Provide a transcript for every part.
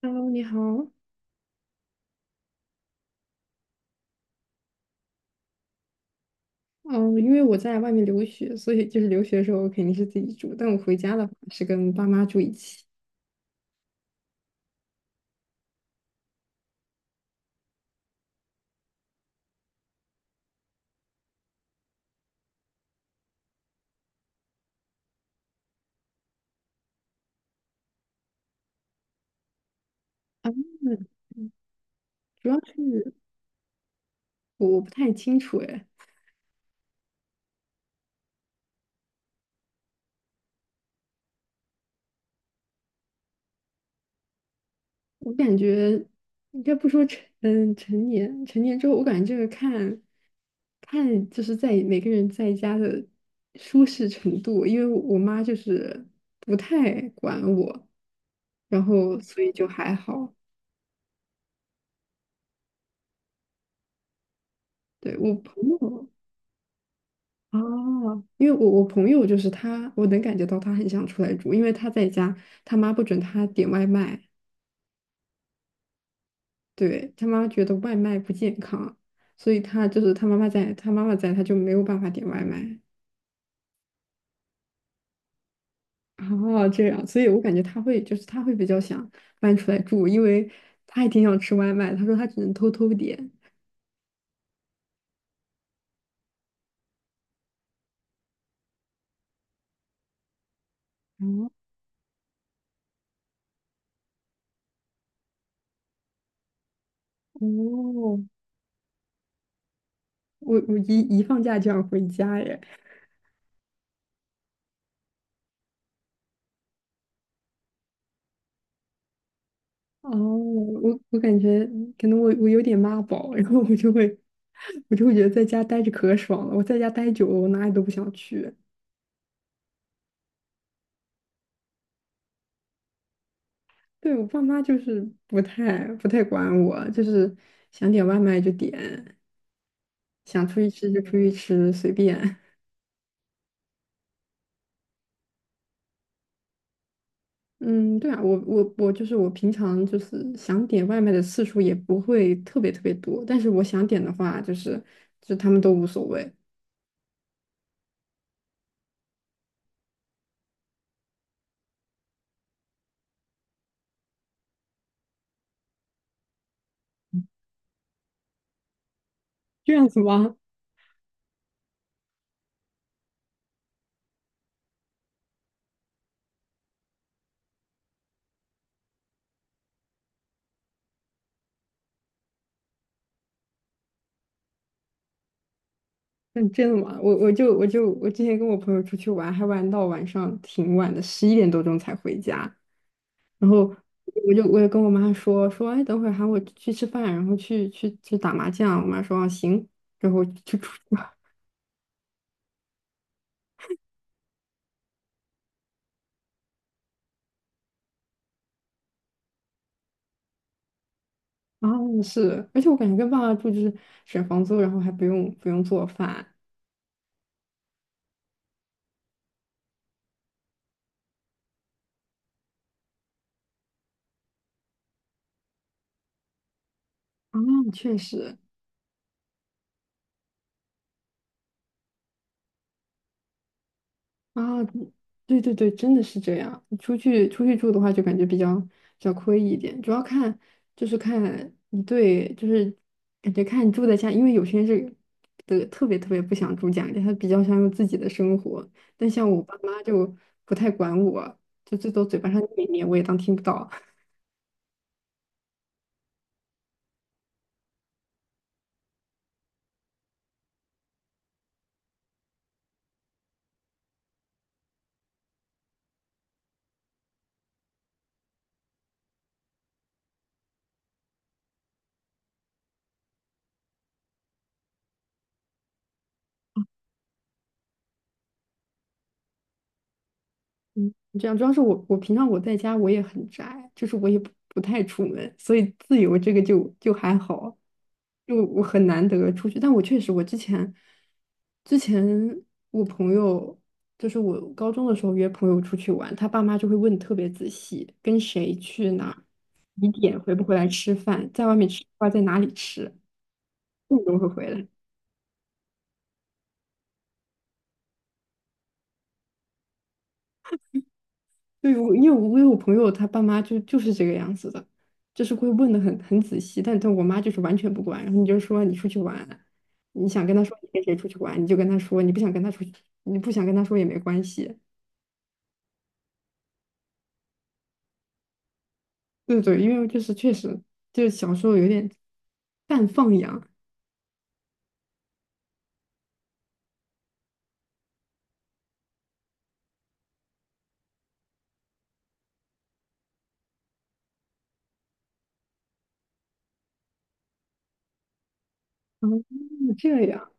Hello，你好。嗯，因为我在外面留学，所以就是留学的时候我肯定是自己住，但我回家的话是跟爸妈住一起。啊，主要是我不太清楚哎。我感觉应该不说成成年之后，我感觉这个看看就是在每个人在家的舒适程度，因为我妈就是不太管我，然后所以就还好。对，我朋友。哦，因为我朋友就是他，我能感觉到他很想出来住，因为他在家，他妈不准他点外卖。对，他妈觉得外卖不健康，所以他就是他妈妈在，他妈妈在，他就没有办法点外卖。哦，这样，所以我感觉他会比较想搬出来住，因为他也挺想吃外卖，他说他只能偷偷点。哦，哦，我一放假就想回家耶。哦，我感觉可能我有点妈宝，然后我就会觉得在家待着可爽了。我在家待久了，我哪里都不想去。对，我爸妈就是不太管我，就是想点外卖就点，想出去吃就出去吃，随便。嗯，对啊，我就是我平常就是想点外卖的次数也不会特别特别多，但是我想点的话，就是就他们都无所谓。这样子吗？嗯，真的吗？我之前跟我朋友出去玩，还玩到晚上挺晚的，十一点多钟才回家。然后我也跟我妈说说，哎，等会儿喊我去吃饭，然后去打麻将。我妈说啊行，然后就出去了。啊，是，而且我感觉跟爸爸住就是省房租，然后还不用做饭。啊，确实。啊，嗯对对对，真的是这样。出去住的话，就感觉比较亏一点，主要看就是看你对，就是感觉看你住在家，因为有些人是的特别特别不想住家里，他比较想有自己的生活。但像我爸妈就不太管我，就最多嘴巴上念一念，我也当听不到。嗯，这样主要是我平常我在家我也很宅，就是我也不太出门，所以自由这个就还好，就我很难得出去。但我确实，我之前我朋友就是我高中的时候约朋友出去玩，他爸妈就会问特别仔细，跟谁去哪儿几点回不回来吃饭，在外面吃饭在哪里吃，这种会回来。对，我因为我有朋友，他爸妈就是这个样子的，就是会问的很仔细，但我妈就是完全不管。然后你就说你出去玩，你想跟他说你跟谁出去玩，你就跟他说，你不想跟他出去，你不想跟他说也没关系。对对，因为就是确实就是小时候有点半放养。然后这样，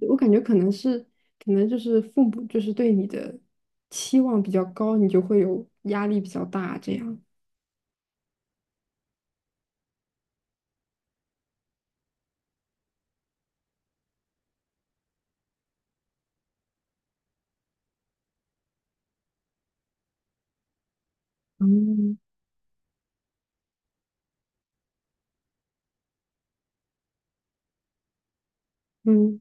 我感觉可能是可能就是父母就是对你的期望比较高，你就会有压力比较大这样。嗯嗯，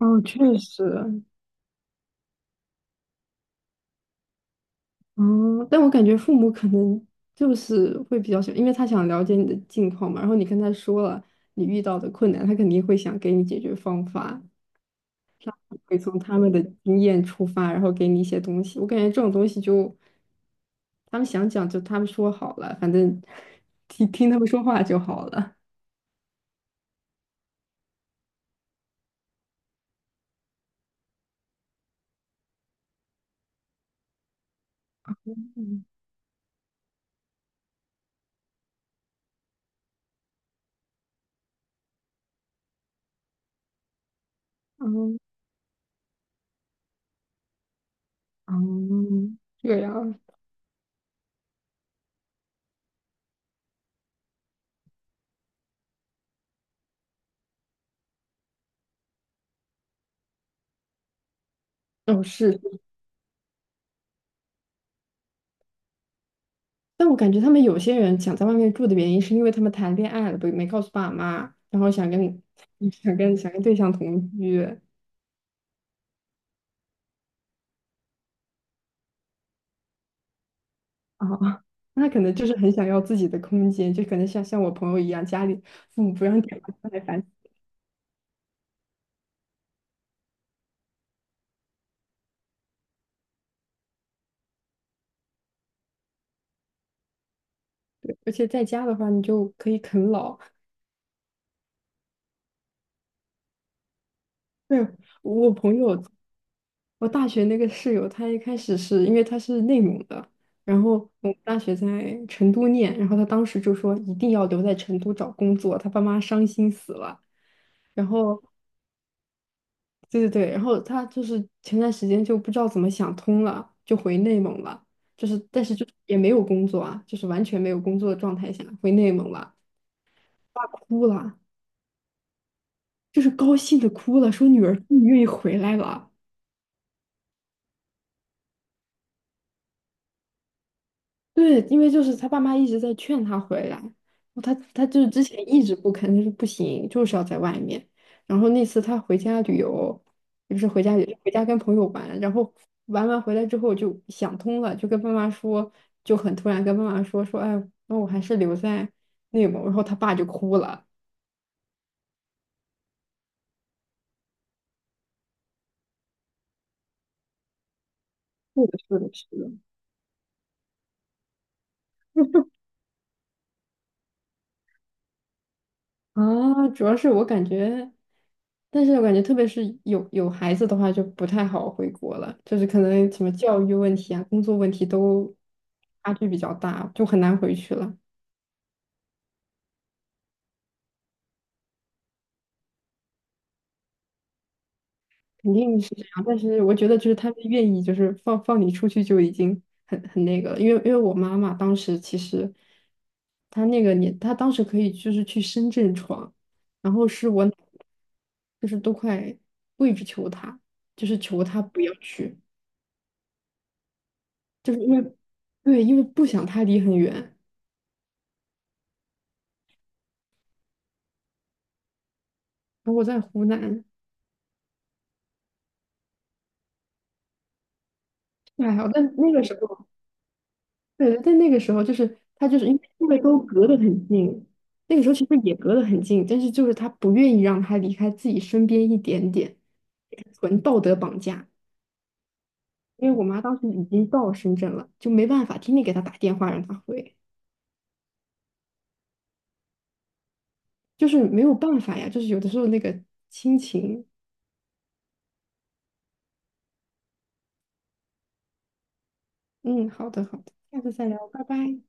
哦，确实，嗯，但我感觉父母可能就是会比较喜欢，因为他想了解你的近况嘛，然后你跟他说了你遇到的困难，他肯定会想给你解决方法，会从他们的经验出发，然后给你一些东西。我感觉这种东西就他们想讲就他们说好了，反正 听听他们说话就好了。嗯，嗯嗯，这样。哦，是。但我感觉他们有些人想在外面住的原因，是因为他们谈恋爱了，不没告诉爸妈，然后想跟 想跟对象同居。啊，那可能就是很想要自己的空间，就可能像我朋友一样，家里父母不让点外卖，烦死。对，而且在家的话，你就可以啃老。对，我朋友，我大学那个室友，他一开始是因为他是内蒙的，然后我们大学在成都念，然后他当时就说一定要留在成都找工作，他爸妈伤心死了。然后对对对，然后他就是前段时间就不知道怎么想通了，就回内蒙了，就是但是就也没有工作啊，就是完全没有工作的状态下回内蒙了。爸哭了，就是高兴的哭了，说女儿终于愿意回来了。对，因为就是他爸妈一直在劝他回来，他就是之前一直不肯，就是不行，就是要在外面。然后那次他回家旅游，也不是回家旅游，回家跟朋友玩，然后玩完回来之后就想通了，就跟爸妈说，就很突然跟爸妈说说，哎，那我还是留在内蒙。然后他爸就哭了。是的是的是的。啊，主要是我感觉，但是我感觉特别是有孩子的话，就不太好回国了，就是可能什么教育问题啊、工作问题都差距比较大，就很难回去了。肯定是这样，但是我觉得就是他们愿意就是放放你出去就已经很那个了，因为我妈妈当时其实她那个年，她当时可以就是去深圳闯，然后是我奶奶就是都快跪着求她，就是求她不要去。就是因为，对，因为不想他离很远。然后我在湖南，这还好，但那个时候，对，但那个时候就是他就是因为都隔得很近，那个时候其实也隔得很近，但是就是他不愿意让他离开自己身边一点点，纯道德绑架。因为我妈当时已经到深圳了，就没办法，天天给他打电话让他回，就是没有办法呀，就是有的时候那个亲情。嗯，好的好的，下次再聊，拜拜。